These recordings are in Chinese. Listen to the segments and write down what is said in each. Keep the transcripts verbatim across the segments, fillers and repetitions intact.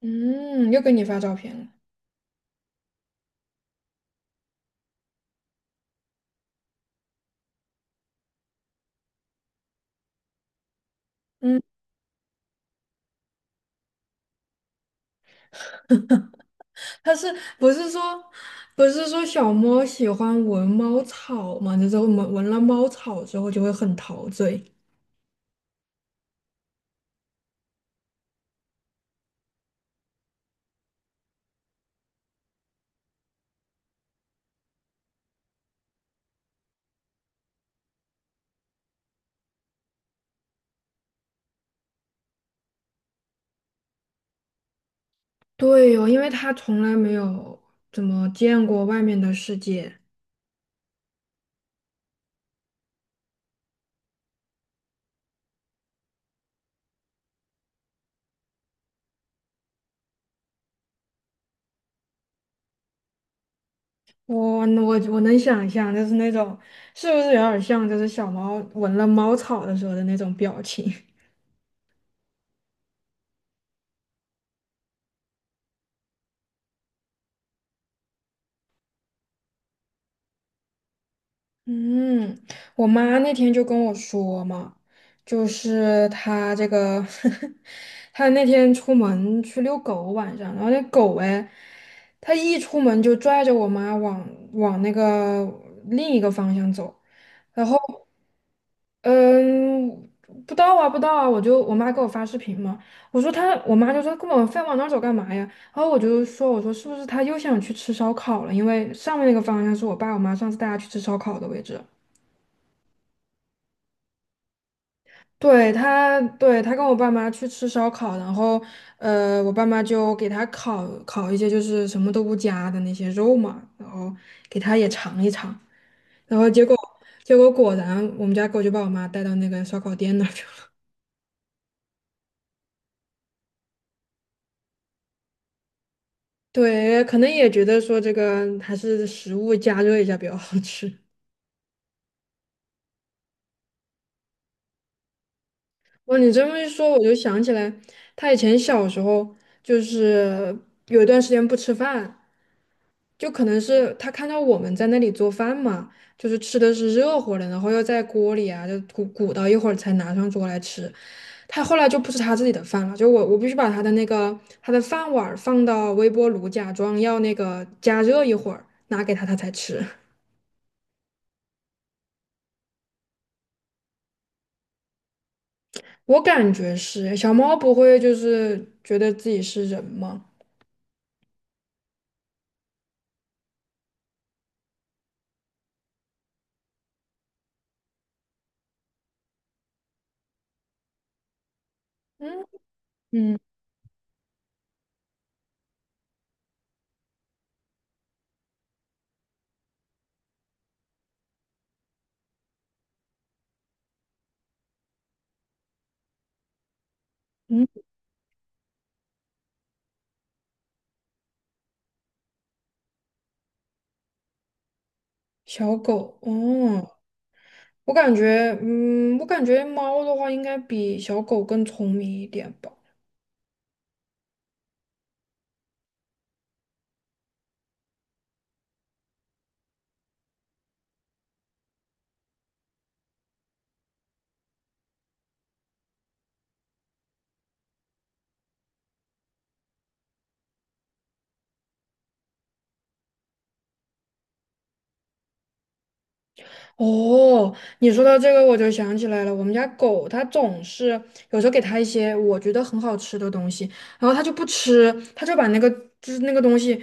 嗯，又给你发照片了。嗯，他是不是说不是说小猫喜欢闻猫草嘛？就是闻闻了猫草之后就会很陶醉。对哦，因为它从来没有怎么见过外面的世界。我能我我能想象，就是那种是不是有点像，就是小猫闻了猫草的时候的那种表情。嗯，我妈那天就跟我说嘛，就是她这个， 她那天出门去遛狗，晚上，然后那狗哎，它一出门就拽着我妈往往那个另一个方向走，然后嗯，不到啊，不到啊，我就我妈给我发视频嘛，我说她，我妈就说跟我非往那儿走干嘛呀？然后我就说，我说是不是她又想去吃烧烤了？因为上面那个方向是我爸我妈上次带她去吃烧烤的位置。对他，对他跟我爸妈去吃烧烤，然后呃，我爸妈就给他烤烤一些就是什么都不加的那些肉嘛，然后给他也尝一尝，然后结果结果果然我们家狗就把我妈带到那个烧烤店那儿去了。对，可能也觉得说这个还是食物加热一下比较好吃。哇，你这么一说，我就想起来，他以前小时候就是有一段时间不吃饭。就可能是他看到我们在那里做饭嘛，就是吃的是热乎的，然后又在锅里啊，就鼓鼓捣一会儿才拿上桌来吃。他后来就不是他自己的饭了，就我我必须把他的那个他的饭碗儿放到微波炉，假装要那个加热一会儿，拿给他他才吃。我感觉是小猫不会就是觉得自己是人吗？嗯嗯嗯，小狗哦。我感觉，嗯，我感觉猫的话应该比小狗更聪明一点吧。哦，你说到这个，我就想起来了。我们家狗它总是有时候给它一些我觉得很好吃的东西，然后它就不吃，它就把那个就是那个东西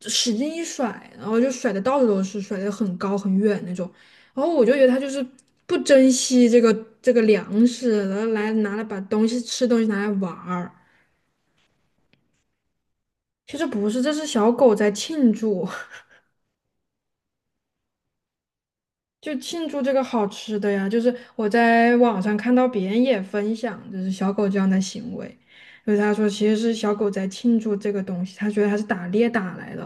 使劲一甩，然后就甩的到处都是，甩的很高很远那种。然后我就觉得它就是不珍惜这个这个粮食，然后来拿来把东西吃东西拿来玩儿。其实不是，这是小狗在庆祝。就庆祝这个好吃的呀，就是我在网上看到别人也分享，就是小狗这样的行为，就是他说其实是小狗在庆祝这个东西，他觉得他是打猎打来的，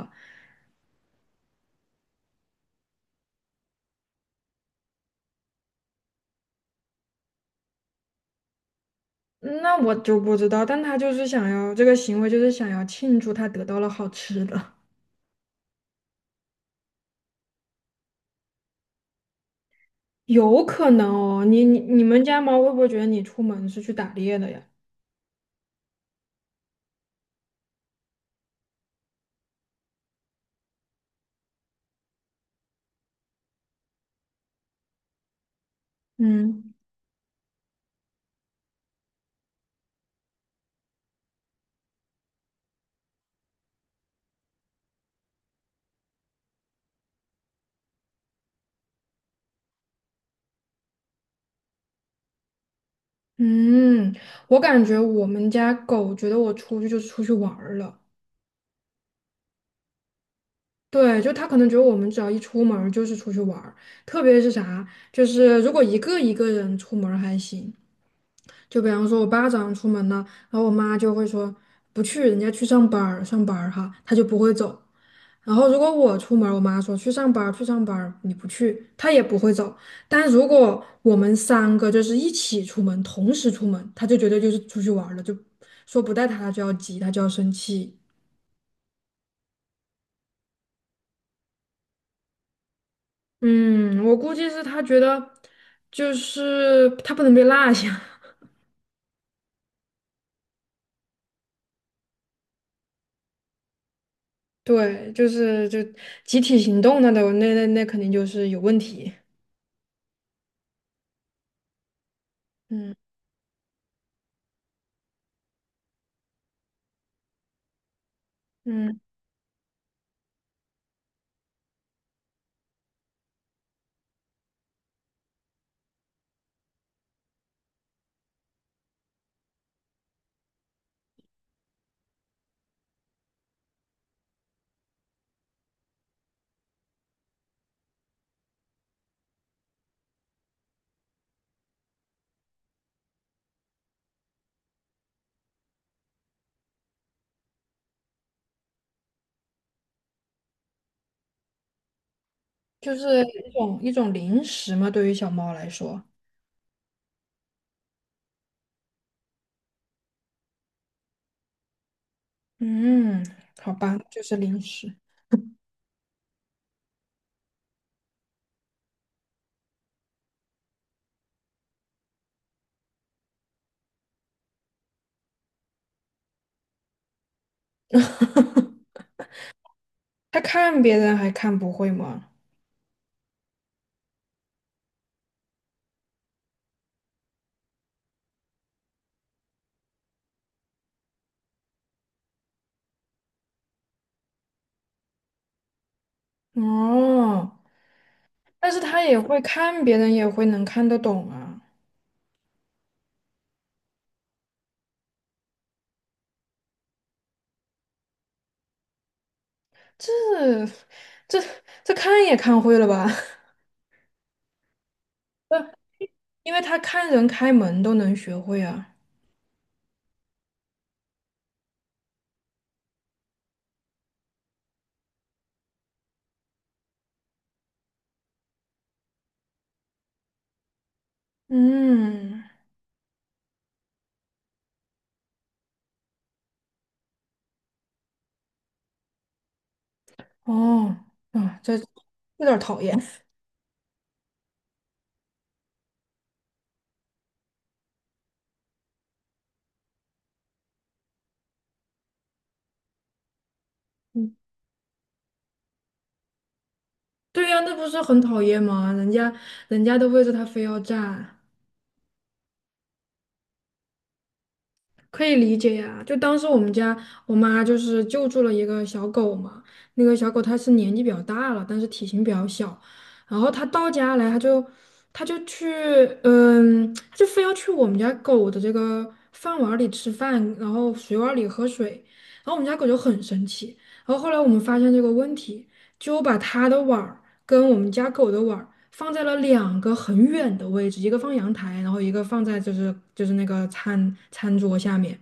嗯那我就不知道，但他就是想要这个行为，就是想要庆祝他得到了好吃的，有可能哦，你你你们家猫会不会觉得你出门是去打猎的呀？嗯，嗯，我感觉我们家狗觉得我出去就是出去玩儿了。对，就他可能觉得我们只要一出门儿就是出去玩儿，特别是啥，就是如果一个一个人出门儿还行，就比方说我爸早上出门了，然后我妈就会说不去，人家去上班儿，上班儿哈，他就不会走。然后如果我出门儿我妈说去上班儿，去上班儿，你不去，他也不会走。但如果我们三个就是一起出门，同时出门，他就觉得就是出去玩儿了，就说不带他，他就要急，他就要生气。嗯，我估计是他觉得，就是他不能被落下。对，就是就集体行动那都那那那肯定就是有问题。嗯，嗯，就是一种一种零食嘛，对于小猫来说。嗯，好吧，就是零食。他看别人还看不会吗？哦，但是他也会看别人，也会能看得懂啊。这这这看也看会了吧？呃因为他看人开门都能学会啊。嗯，哦，啊，这有点儿讨厌。嗯，对呀，那不是很讨厌吗？人家人家的位置他非要占。可以理解呀，就当时我们家我妈就是救助了一个小狗嘛，那个小狗它是年纪比较大了，但是体型比较小，然后它到家来，它就它就去，嗯，它就非要去我们家狗的这个饭碗儿里吃饭，然后水碗儿里喝水，然后我们家狗就很生气，然后后来我们发现这个问题，就把它的碗儿跟我们家狗的碗儿放在了两个很远的位置，一个放阳台，然后一个放在就是就是那个餐餐桌下面。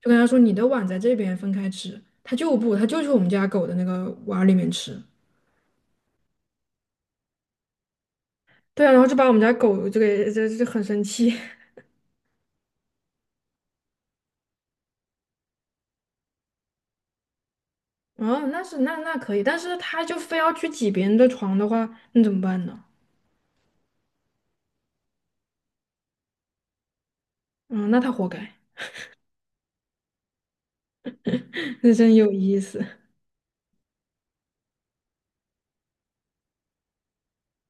就跟他说你的碗在这边分开吃，他就不，他就去我们家狗的那个碗里面吃。对啊，然后就把我们家狗这个这这很生气。哦，那是那那可以，但是他就非要去挤别人的床的话，那怎么办呢？嗯，那他活该，那真有意思。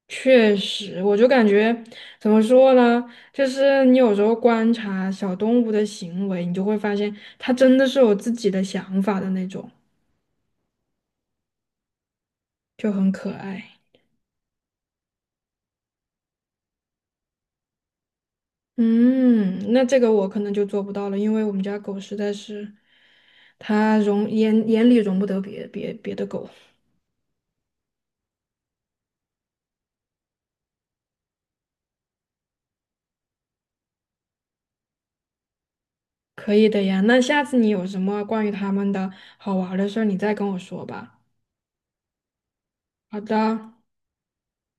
确实，我就感觉怎么说呢？就是你有时候观察小动物的行为，你就会发现它真的是有自己的想法的那种，就很可爱。嗯，那这个我可能就做不到了，因为我们家狗实在是，它容眼眼里容不得别别别的狗。可以的呀，那下次你有什么关于它们的好玩儿的事儿，你再跟我说吧。好的。